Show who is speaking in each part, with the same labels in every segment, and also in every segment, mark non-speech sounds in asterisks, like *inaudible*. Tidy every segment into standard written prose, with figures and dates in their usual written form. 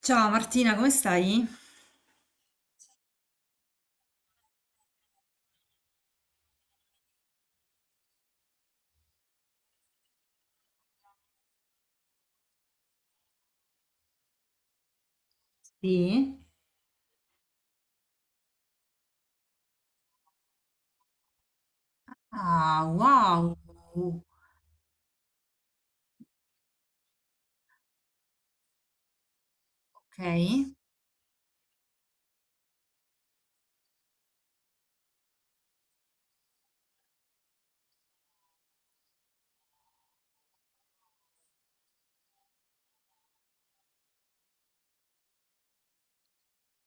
Speaker 1: Ciao Martina, come stai? Sì. Ah, wow. Ok.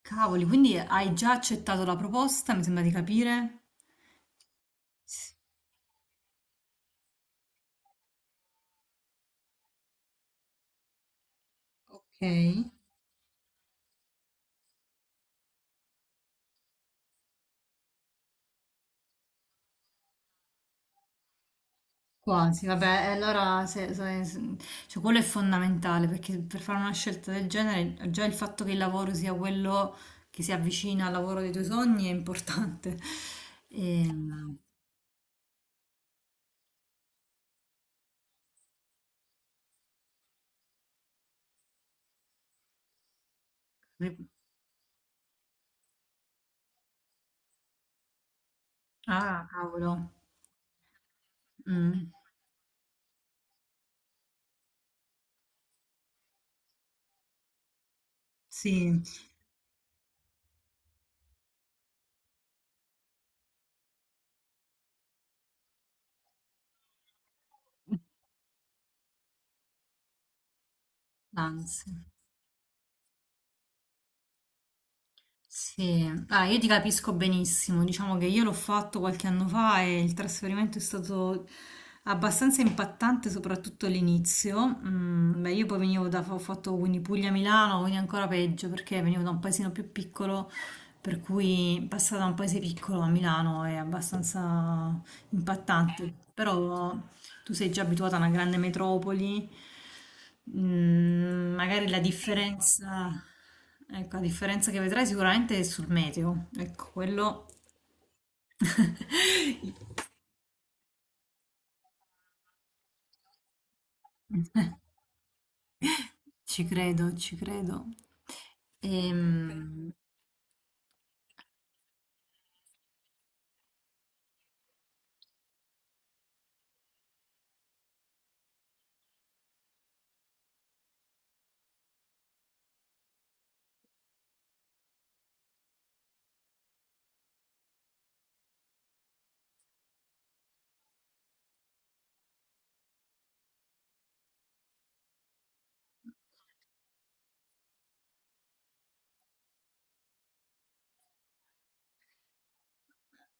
Speaker 1: Cavoli, quindi hai già accettato la proposta, mi sembra di capire. Ok. Quasi, vabbè, e allora cioè, quello è fondamentale perché per fare una scelta del genere, già il fatto che il lavoro sia quello che si avvicina al lavoro dei tuoi sogni è importante. Ehm, ah, cavolo. Mm, sì, anzi. Sì, ah, io ti capisco benissimo, diciamo che io l'ho fatto qualche anno fa e il trasferimento è stato abbastanza impattante, soprattutto all'inizio. Mm, beh, io poi venivo da, ho fatto quindi Puglia-Milano, quindi ancora peggio perché venivo da un paesino più piccolo, per cui passare da un paese piccolo a Milano è abbastanza impattante, però tu sei già abituata a una grande metropoli, magari la differenza, ecco, la differenza che vedrai sicuramente è sul meteo, ecco, quello. *laughs* Ci credo, ci credo. Ehm,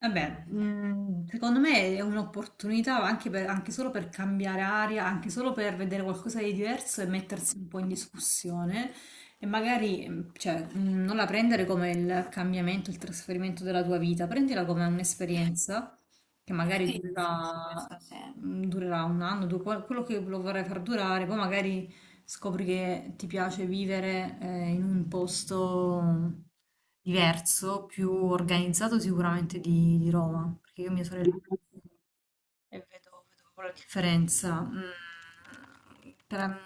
Speaker 1: Vabbè, mm, secondo me è un'opportunità anche, anche solo per cambiare aria, anche solo per vedere qualcosa di diverso e mettersi un po' in discussione e magari cioè, non la prendere come il cambiamento, il trasferimento della tua vita, prendila come un'esperienza che magari durerà, questo durerà un anno, quello che lo vorrai far durare, poi magari scopri che ti piace vivere in un posto diverso, più organizzato sicuramente di Roma, perché io e mia sorella... E vedo, vedo proprio la differenza. Per-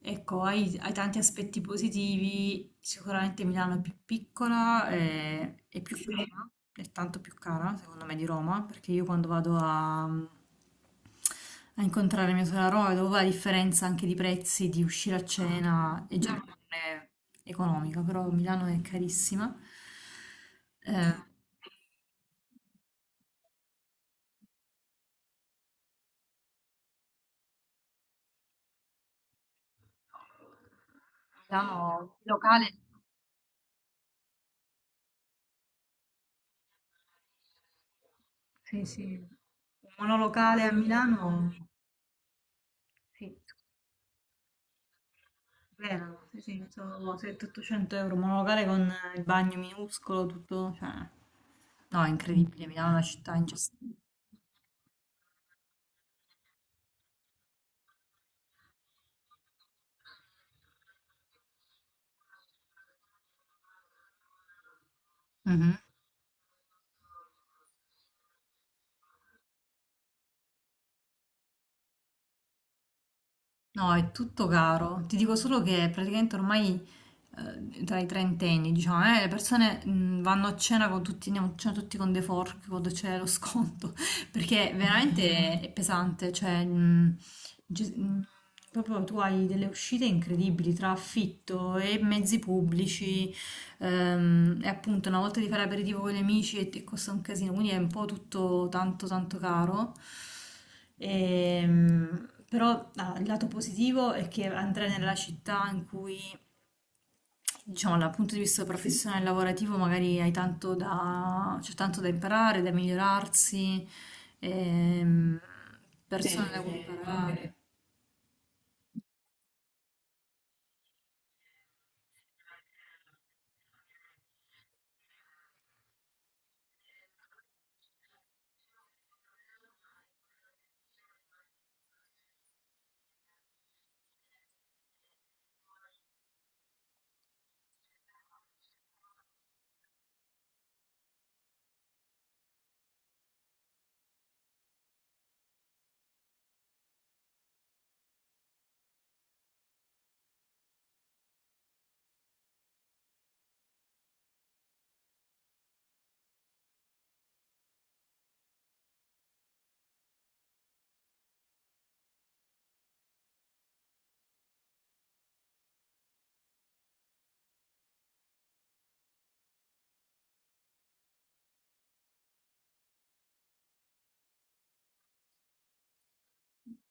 Speaker 1: ecco, hai tanti aspetti positivi. Sicuramente Milano è più piccola, e è più, sì, cara, è tanto più cara, secondo me, di Roma, perché io quando vado a incontrare mia sorella a Roma vedo la differenza anche di prezzi, di uscire a cena, e già non è economica, però Milano è carissima. Eh, Milano, il locale. Sì, sì. Un monolocale a Milano, sì, vero, sì, sì, sono 700-800 euro, un monolocale con il bagno minuscolo, tutto, cioè... No, è incredibile, Milano è una città ingestibile. No, è tutto caro. Ti dico solo che praticamente ormai tra i trentenni, diciamo, le persone vanno a cena con tutti, andiamo a cena tutti con dei fork quando c'è lo sconto, *laughs* perché veramente è pesante, cioè ge- mh, proprio tu hai delle uscite incredibili tra affitto e mezzi pubblici. E appunto una volta di fare aperitivo con gli amici e costa un casino, quindi è un po' tutto tanto tanto caro. Però ah, il lato positivo è che andrai nella città in cui, diciamo, dal punto di vista professionale e lavorativo magari hai tanto da, c'è tanto da imparare, da migliorarsi, ehm, persone da cui imparare.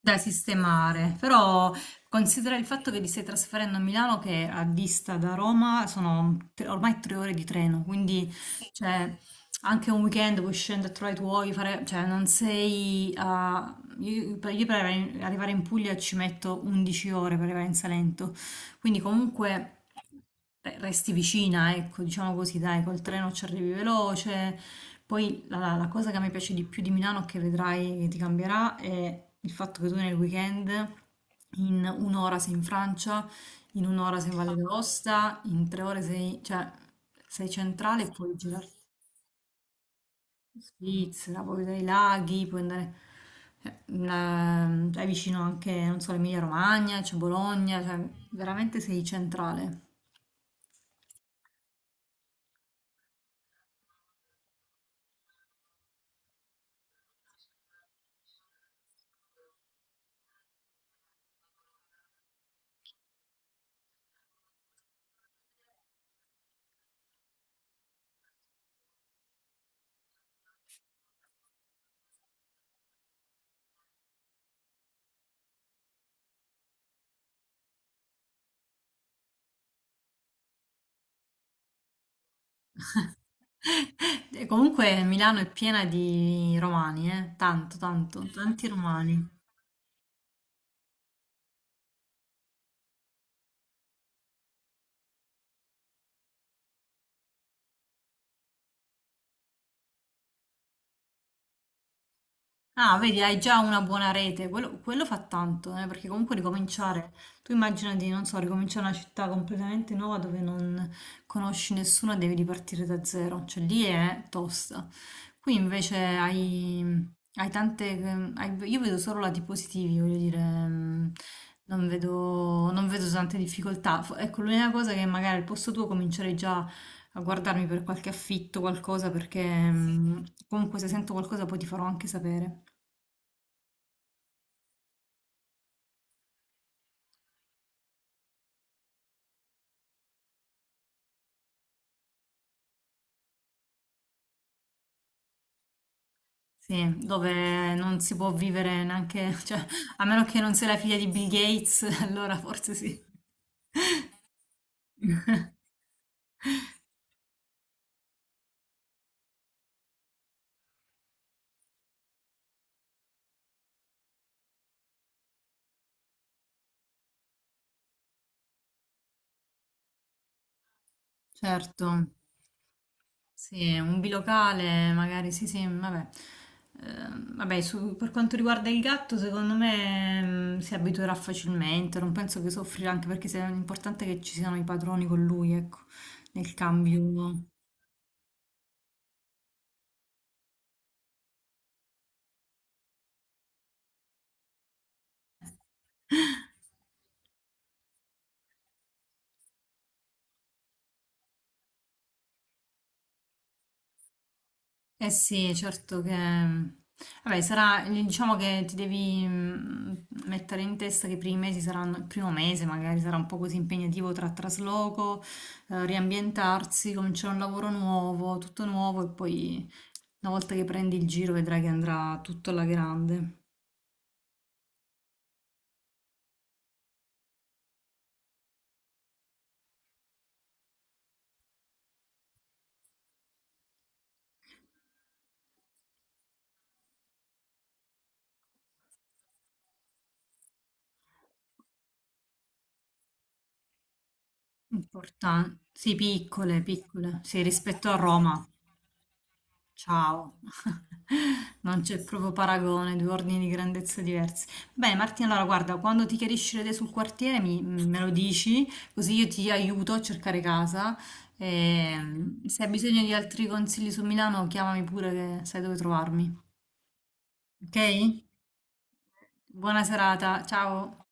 Speaker 1: Da sistemare, però considera il fatto che vi stai trasferendo a Milano che a vista da Roma sono ormai 3 ore di treno, quindi, sì, cioè, anche un weekend puoi scendere a trovare i tuoi, fare, cioè non sei a... Io per arrivare in Puglia ci metto 11 ore per arrivare in Salento, quindi comunque beh, resti vicina, ecco, diciamo così, dai, col treno ci arrivi veloce, poi la cosa che a me piace di più di Milano, che vedrai che ti cambierà, è il fatto che tu nel weekend in un'ora sei in Francia, in un'ora sei in Valle d'Aosta, in 3 ore sei, cioè, sei centrale e puoi girarti in Svizzera, puoi vedere i laghi, puoi andare, cioè, è vicino anche, non so, Emilia Romagna, c'è Bologna, cioè veramente sei centrale. *laughs* E comunque Milano è piena di romani, eh? Tanto, tanto, tanti romani. Ah, vedi, hai già una buona rete, quello fa tanto, perché comunque ricominciare, tu immaginati, non so, ricominciare una città completamente nuova dove non conosci nessuno e devi ripartire da zero, cioè lì è tosta. Qui invece hai, tante, io vedo solo lati positivi, voglio dire, mm, non vedo, non vedo tante difficoltà. Ecco, l'unica cosa è che magari al posto tuo comincerei già a guardarmi per qualche affitto, qualcosa, perché mm, comunque se sento qualcosa poi ti farò anche sapere. Sì, dove non si può vivere neanche, *laughs* cioè, a meno che non sei la figlia di Bill Gates, *laughs* allora forse sì. *laughs* Certo, sì, un bilocale magari, sì, sì, vabbè. Eh, vabbè, per quanto riguarda il gatto, secondo me si abituerà facilmente, non penso che soffrirà, anche perché è importante che ci siano i padroni con lui, ecco, nel cambio. *laughs* Eh sì, certo che... Vabbè, sarà, diciamo che ti devi mettere in testa che i primi mesi saranno, il primo mese magari sarà un po' così impegnativo tra trasloco, riambientarsi, cominciare un lavoro nuovo, tutto nuovo e poi una volta che prendi il giro vedrai che andrà tutto alla grande. Importante. Sì, piccole, piccole. Sì, rispetto a Roma. Ciao. *laughs* Non c'è proprio paragone, due ordini di grandezza diversi. Bene, Martina, allora guarda, quando ti chiarisci le idee sul quartiere me lo dici, così io ti aiuto a cercare casa. E, se hai bisogno di altri consigli su Milano, chiamami pure che sai dove trovarmi. Ok? Buona serata, ciao.